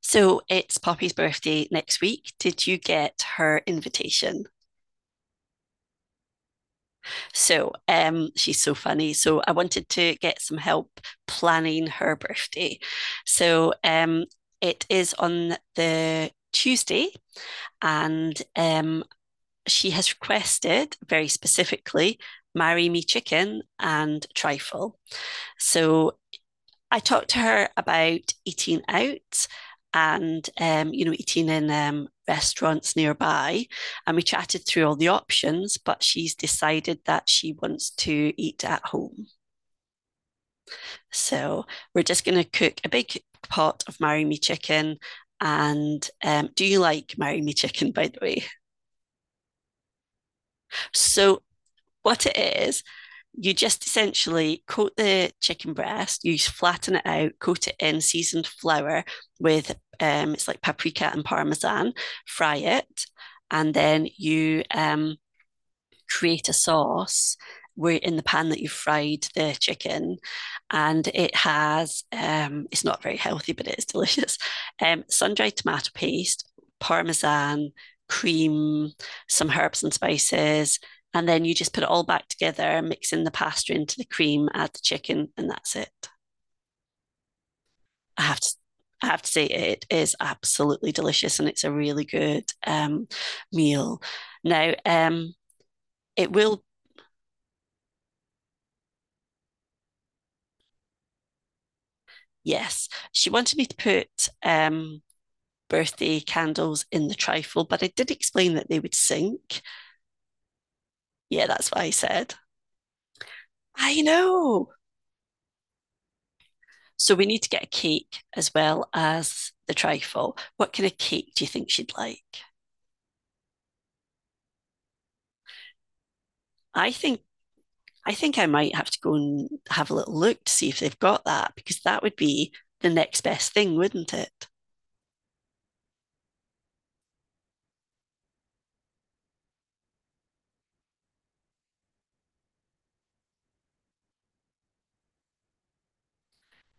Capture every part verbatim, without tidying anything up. So it's Poppy's birthday next week. Did you get her invitation? So um, she's so funny. So I wanted to get some help planning her birthday. So um, it is on the Tuesday, and um, she has requested very specifically marry me chicken and trifle. So I talked to her about eating out and um, you know eating in um, restaurants nearby, and we chatted through all the options, but she's decided that she wants to eat at home, so we're just going to cook a big pot of marry me chicken. And um, do you like marry me chicken, by the way? So what it is, you just essentially coat the chicken breast, you flatten it out, coat it in seasoned flour with um, it's like paprika and parmesan, fry it, and then you um, create a sauce, where in the pan that you fried the chicken, and it has um it's not very healthy but it's delicious, um sun-dried tomato paste, parmesan, cream, some herbs and spices, and then you just put it all back together, mix in the pasta into the cream, add the chicken, and that's it. I have to I have to say, it is absolutely delicious, and it's a really good um, meal. Now, um, it will yes, she wanted me to put um, birthday candles in the trifle, but I did explain that they would sink. Yeah, that's what I said. I know. So we need to get a cake as well as the trifle. What kind of cake do you think she'd like? I think I think I might have to go and have a little look to see if they've got that, because that would be the next best thing, wouldn't it?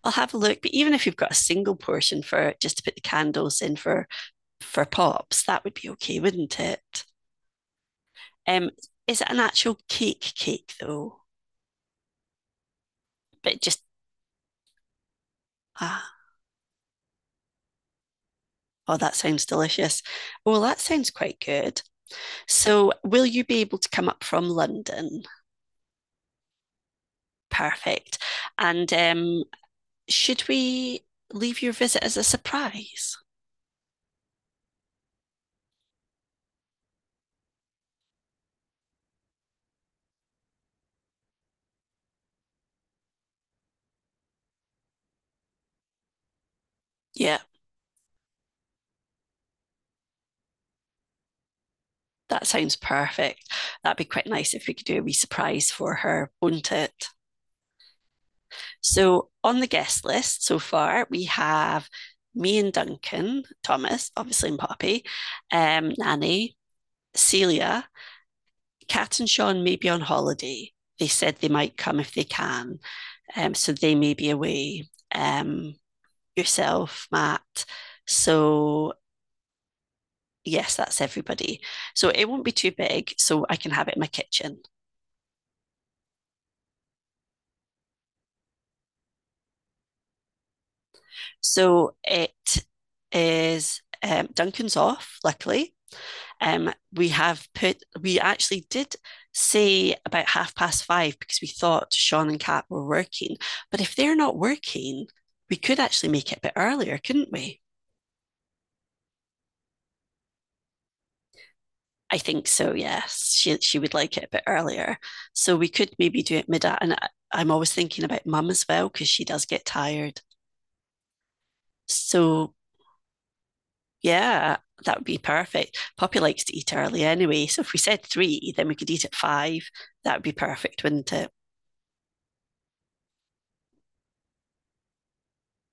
I'll have a look, but even if you've got a single portion for just to put the candles in for for Pops, that would be okay, wouldn't it? Um, is it an actual cake cake though? But just ah, oh, that sounds delicious. Well, that sounds quite good. So, will you be able to come up from London? Perfect. And um, should we leave your visit as a surprise? Yeah, that sounds perfect. That'd be quite nice if we could do a wee surprise for her, wouldn't it? So, on the guest list so far, we have me and Duncan, Thomas, obviously, and Poppy, um, Nanny, Celia. Kat and Sean may be on holiday. They said they might come if they can. Um, so they may be away. Um, yourself, Matt. So yes, that's everybody. So it won't be too big, so I can have it in my kitchen. So it is um, Duncan's off, luckily. Um, we have put, we actually did say about half past five because we thought Sean and Kat were working. But if they're not working, we could actually make it a bit earlier, couldn't we? I think so, yes. She, she would like it a bit earlier. So we could maybe do it mid and I- I'm always thinking about mum as well, because she does get tired. So yeah, that would be perfect. Poppy likes to eat early anyway. So if we said three, then we could eat at five. That would be perfect, wouldn't it?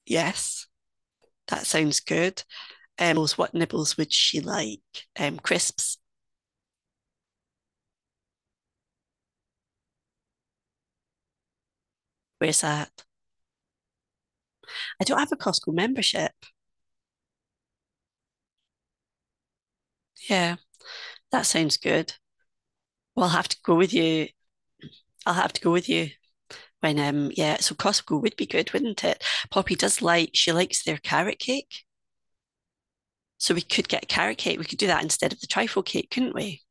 Yes. That sounds good. Um, what nibbles would she like? Um, crisps. Where's that? I don't have a Costco membership. Yeah, that sounds good. Well, I'll have to go with you. I'll have to go with you. When um, yeah, so Costco would be good, wouldn't it? Poppy does like she likes their carrot cake, so we could get a carrot cake. We could do that instead of the trifle cake, couldn't we?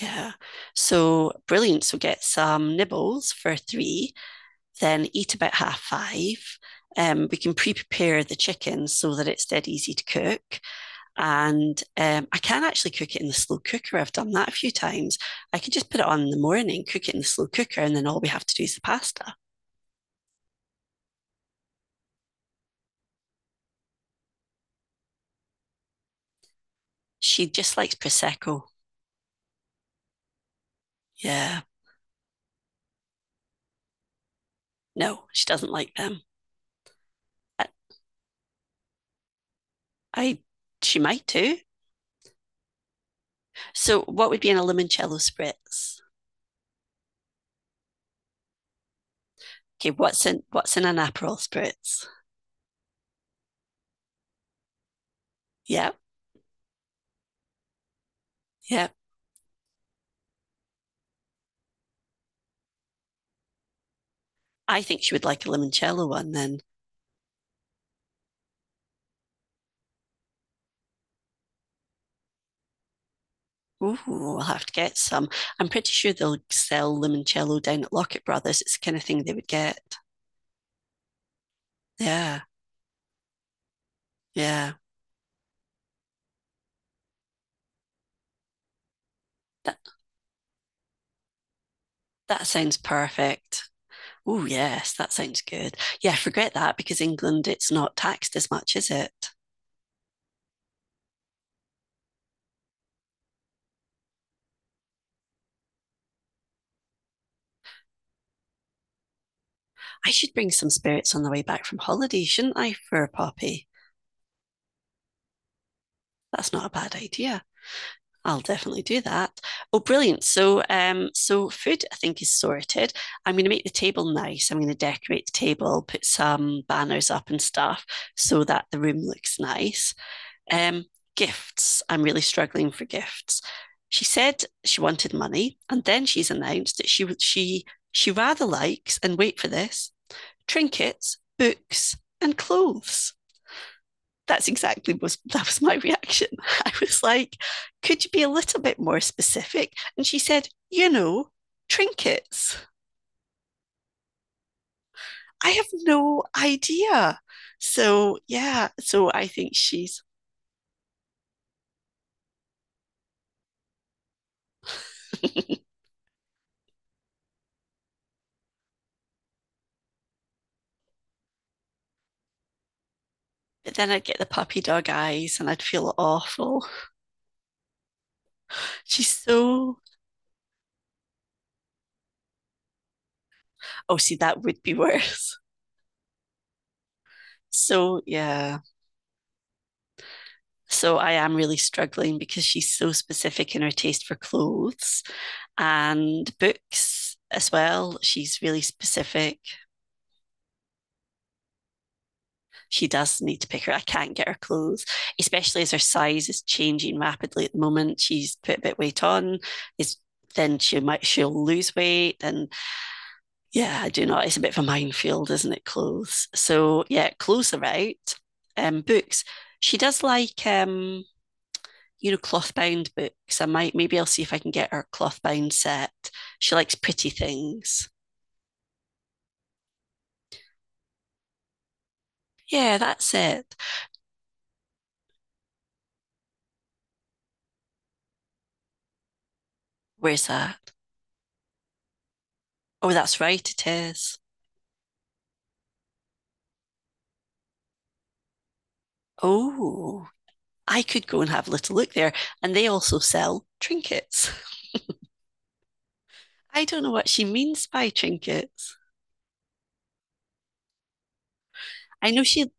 Yeah. So brilliant. So get some nibbles for three, then eat about half five. Um, we can pre-prepare the chicken so that it's dead easy to cook, and um, I can actually cook it in the slow cooker. I've done that a few times. I could just put it on in the morning, cook it in the slow cooker, and then all we have to do is the pasta. She just likes prosecco. Yeah, no, she doesn't like them. I, I she might do. So, what would be in a limoncello spritz? Okay, what's in what's in an Aperol spritz? Yeah, yeah. I think she would like a limoncello one then. Ooh, I'll have to get some. I'm pretty sure they'll sell limoncello down at Lockett Brothers. It's the kind of thing they would get. Yeah, yeah. That that sounds perfect. Oh yes, that sounds good. Yeah, forget that, because England, it's not taxed as much, is it? I should bring some spirits on the way back from holiday, shouldn't I, for a Poppy? That's not a bad idea. I'll definitely do that. Oh, brilliant. So, um, so food, I think, is sorted. I'm going to make the table nice. I'm going to decorate the table, put some banners up and stuff so that the room looks nice. Um, gifts. I'm really struggling for gifts. She said she wanted money, and then she's announced that she would she she rather likes, and wait for this, trinkets, books, and clothes. That's exactly was That was my reaction. I was like, could you be a little bit more specific? And she said, you know, trinkets. I have no idea. So yeah, so I think she's but then I'd get the puppy dog eyes and I'd feel awful. She's so Oh, see, that would be worse. So yeah. So I am really struggling because she's so specific in her taste for clothes, and books as well. She's really specific. She does need to pick her. I can't get her clothes, especially as her size is changing rapidly at the moment. She's put a bit of weight on. Is Then she might she'll lose weight, and yeah, I do not. It's a bit of a minefield, isn't it? Clothes. So yeah, clothes are right. Um, books. She does like um, you know, cloth bound books. I might Maybe I'll see if I can get her cloth bound set. She likes pretty things. Yeah, that's it. Where's that? Oh, that's right, it is. Oh, I could go and have a little look there. And they also sell trinkets. I don't know what she means by trinkets. I know she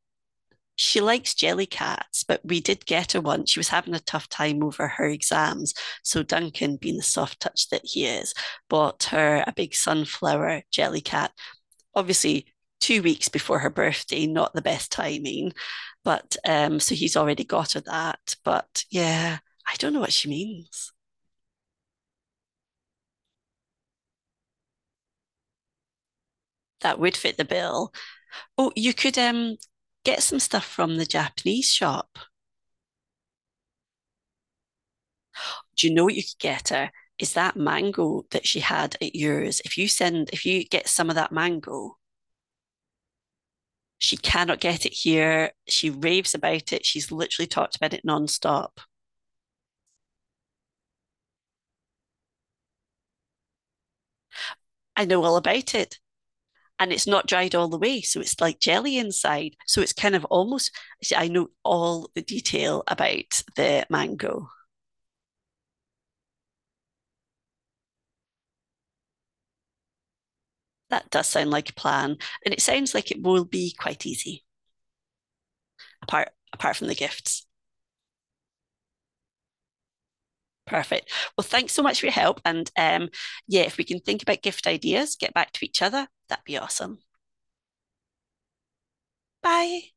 she likes jelly cats, but we did get her one. She was having a tough time over her exams. So Duncan, being the soft touch that he is, bought her a big sunflower jelly cat, obviously two weeks before her birthday, not the best timing. But um, so he's already got her that. But yeah, I don't know what she means. That would fit the bill. Oh, you could um get some stuff from the Japanese shop. Do you know what you could get her? Is that mango that she had at yours? If you send, if you get some of that mango, she cannot get it here. She raves about it. She's literally talked about it nonstop. I know all about it, and it's not dried all the way. So it's like jelly inside. So it's kind of almost, I know all the detail about the mango. That does sound like a plan. And it sounds like it will be quite easy, apart apart from the gifts. Perfect. Well, thanks so much for your help. And um, yeah, if we can think about gift ideas, get back to each other, that'd be awesome. Bye.